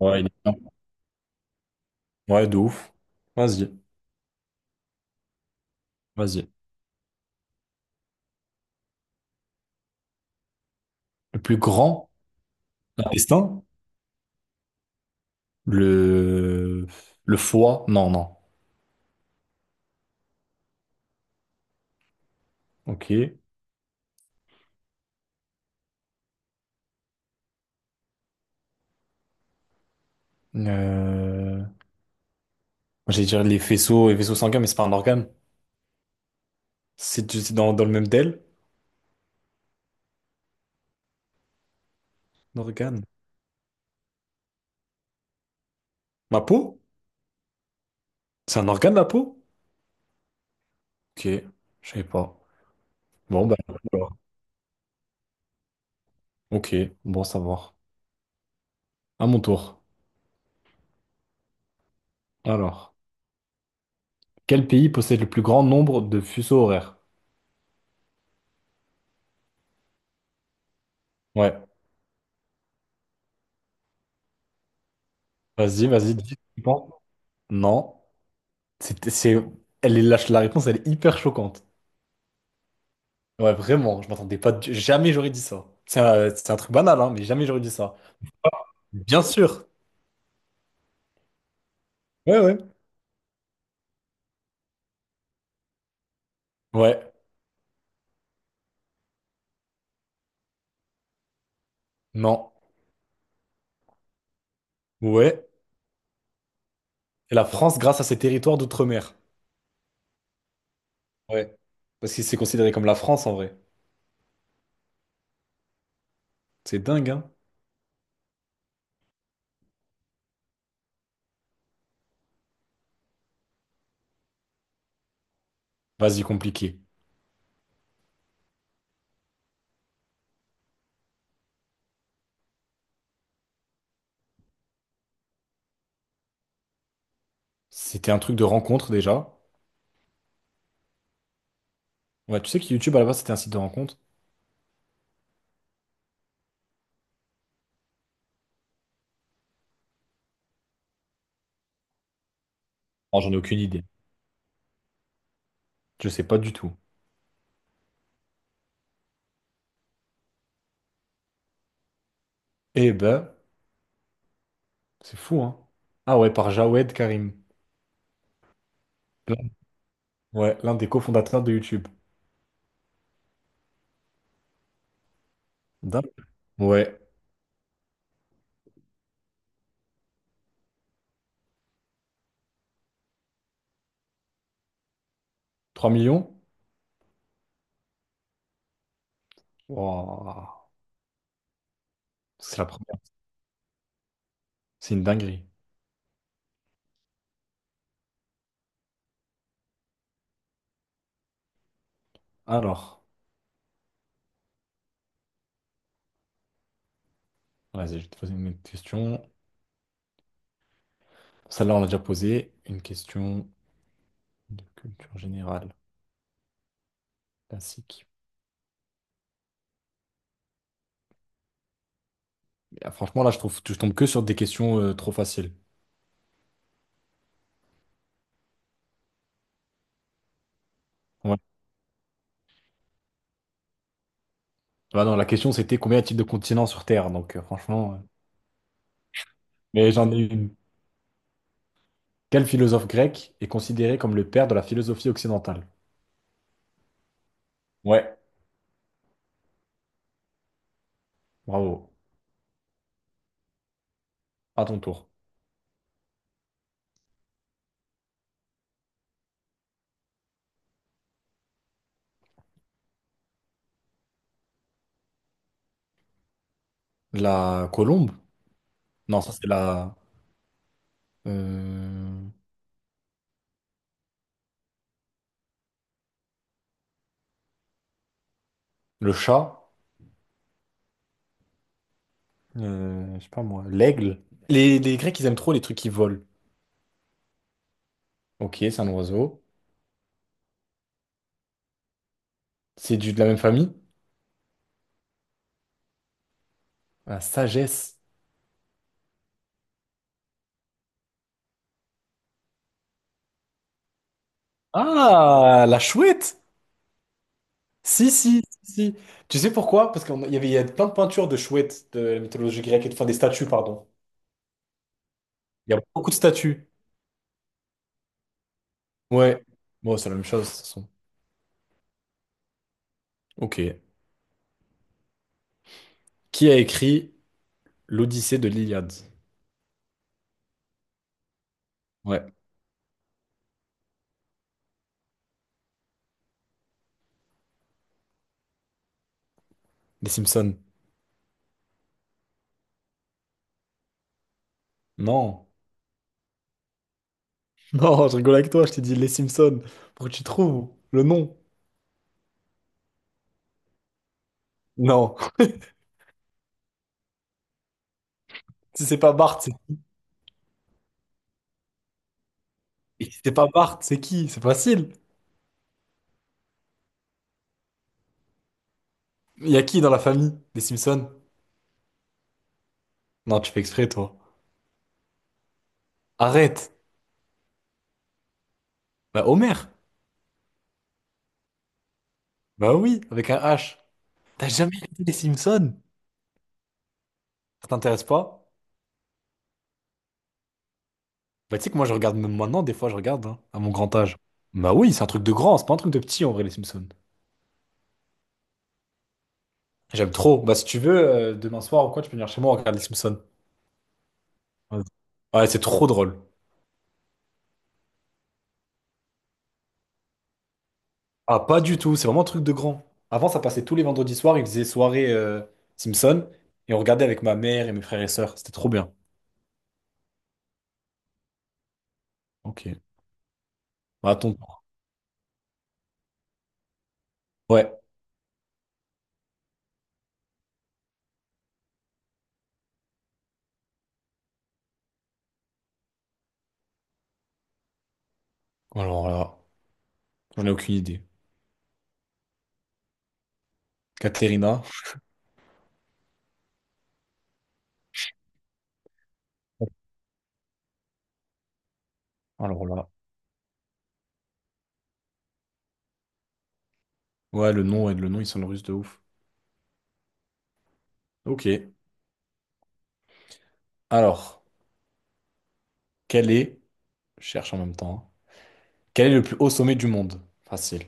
Ouais, il est bien. Ouais, de ouf. Vas-y, vas-y. Le plus grand intestin? Le... Le foie? Non, non. Ok. Moi, J'allais dire les faisceaux et vaisseaux sanguins, mais c'est pas un organe. C'est dans le même DEL? Un organe. Ma peau? C'est un organe, la peau? Ok, je savais pas. Bon, bah, voilà. ok, bon, à savoir. À mon tour. Alors, quel pays possède le plus grand nombre de fuseaux horaires? Ouais, vas-y, vas-y, dis, tu penses. Non. C'est, c'est- Elle est, la réponse, elle est hyper choquante. Ouais, vraiment, je m'attendais pas. Jamais j'aurais dit ça. C'est un truc banal, hein, mais jamais j'aurais dit ça. Bien sûr. Ouais, ouais. Ouais, non. Ouais. Et la France grâce à ses territoires d'outre-mer. Ouais. Parce que c'est considéré comme la France en vrai. C'est dingue, hein. Vas-y, compliqué. C'était un truc de rencontre déjà. Ouais, tu sais que YouTube à la base c'était un site de rencontre? Non, j'en ai aucune idée. Je sais pas du tout. Eh ben, c'est fou, hein. Ah ouais, par Jawed Karim. Ouais, l'un des cofondateurs de YouTube. Dap- Ouais, 3 millions? Wouah, c'est la première. C'est une dinguerie. Alors, vas-y, je vais te poser une autre question. Celle-là, on l'a déjà posée. Une question de culture générale, classique. Mais, ah, franchement, là, je trouve, je tombe que sur des questions trop faciles. Ouais. Bah non, la question, c'était combien y a-t-il de continents sur Terre? Donc, franchement. Mais j'en ai une. Quel philosophe grec est considéré comme le père de la philosophie occidentale? Ouais, bravo. À ton tour. La colombe? Non, ça, c'est la. euh, Le chat, je sais pas moi, l'aigle. Les Grecs, ils aiment trop les trucs qui volent. Ok, c'est un oiseau. C'est de la même famille? La sagesse. Ah, la chouette! Si, si, si, si. Tu sais pourquoi? Parce qu'il y a plein de peintures de chouettes de la mythologie grecque, enfin des statues, pardon. Il y a beaucoup de statues. Ouais. Bon, c'est la même chose, de toute façon. Ok. Qui a écrit l'Odyssée de l'Iliade? Ouais. Les Simpsons. Non. Non, je rigole avec toi, je t'ai dit les Simpsons. Pour que tu trouves le nom. Non. Si c'est pas Bart, c'est si c'est pas Bart, c'est qui? C'est facile. Il y a qui dans la famille des Simpsons? Non, tu fais exprès, toi. Arrête. Bah, Homer. Bah oui, avec un H. T'as jamais regardé les Simpsons? Ça t'intéresse pas? Bah, tu sais que moi, je regarde même maintenant, des fois, je regarde, hein, à mon grand âge. Bah oui, c'est un truc de grand, c'est pas un truc de petit, en vrai, les Simpsons. J'aime trop. Bah, si tu veux, demain soir ou quoi, tu peux venir chez moi, on regarde les Simpsons. Vas-y. Ouais, c'est trop drôle. Ah, pas du tout, c'est vraiment un truc de grand. Avant, ça passait tous les vendredis soirs, ils faisaient soirée Simpson, et on regardait avec ma mère et mes frères et sœurs, c'était trop bien. Ok. Bah, à ton tour. Ouais. Alors là, j'en ai aucune idée. Katerina. Alors là. Ouais, le nom, et le nom, ils sont russes de ouf. Ok. Alors, quel est, je cherche en même temps, hein. Quel est le plus haut sommet du monde? Facile.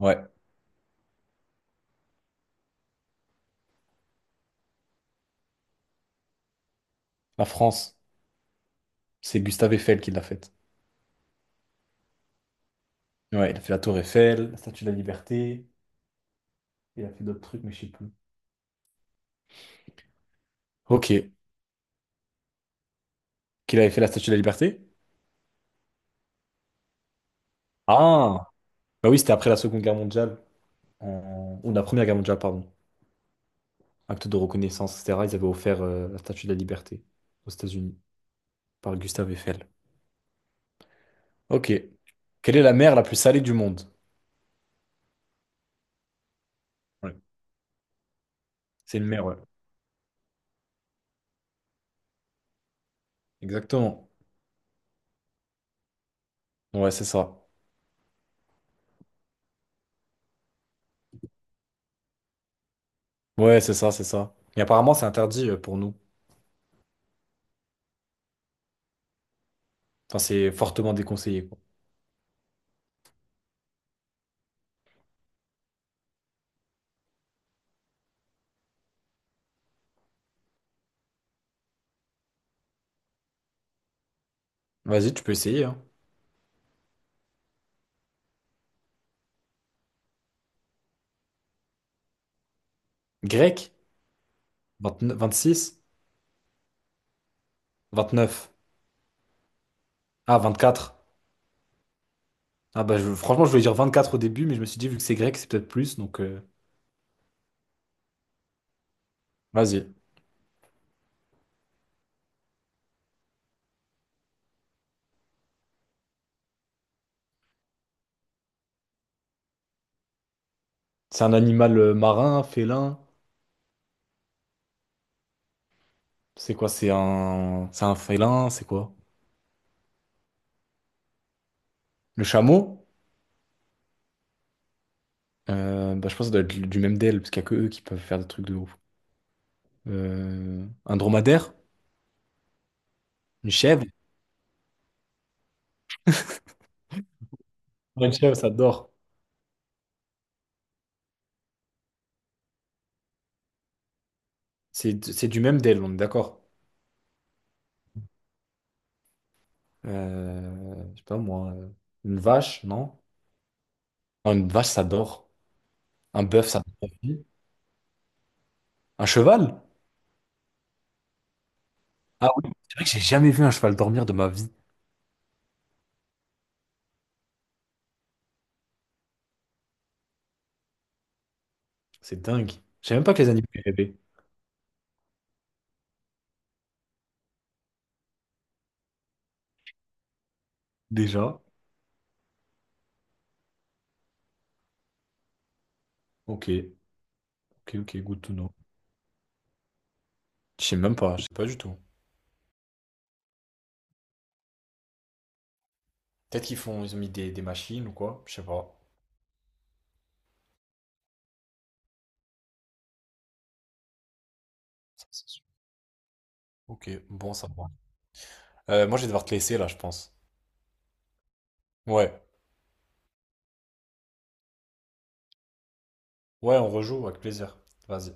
Ouais. La France, c'est Gustave Eiffel qui l'a faite. Ouais, il a fait la Tour Eiffel, la Statue de la Liberté, il a fait d'autres trucs, mais je sais plus. Ok. Qu'il avait fait la Statue de la Liberté? Ah! Bah oui, c'était après la Seconde Guerre mondiale, ou la Première Guerre mondiale, pardon. Acte de reconnaissance, etc. Ils avaient offert la Statue de la Liberté aux États-Unis par Gustave Eiffel. Ok. Quelle est la mer la plus salée du monde? Ouais. C'est une mer, ouais. Exactement. Ouais, c'est ça. Ouais, c'est ça, c'est ça. Mais apparemment, c'est interdit pour nous. Enfin, c'est fortement déconseillé, quoi. Vas-y, tu peux essayer, hein. Grec? 29 26? 29? Ah, 24. Ah bah franchement, je voulais dire 24 au début, mais je me suis dit, vu que c'est grec, c'est peut-être plus, donc vas-y. C'est un animal marin, félin. C'est quoi? C'est un félin, c'est quoi? Le chameau? Bah, je pense que ça doit être du même DL, parce qu'il n'y a que eux qui peuvent faire des trucs de ouf. Un dromadaire? Une chèvre? Ouais, une chèvre, ça dort. C'est du même DL, on est d'accord. Je sais pas moi. Une vache, non? Non, une vache, ça dort. Un bœuf, ça dort. Aussi. Un cheval? Ah oui, c'est vrai que j'ai jamais vu un cheval dormir de ma vie. C'est dingue. Je sais même pas que les animaux ils rêvaient. Déjà. Ok. Ok, ok, good to know. Je sais même pas, je sais pas du tout. Peut-être qu'ils font, ils ont mis des machines ou quoi, je sais pas. Ça, c'est sûr. Ok, bon, ça va. Moi, je vais devoir te laisser là, je pense. Ouais. Ouais, on rejoue avec plaisir. Vas-y.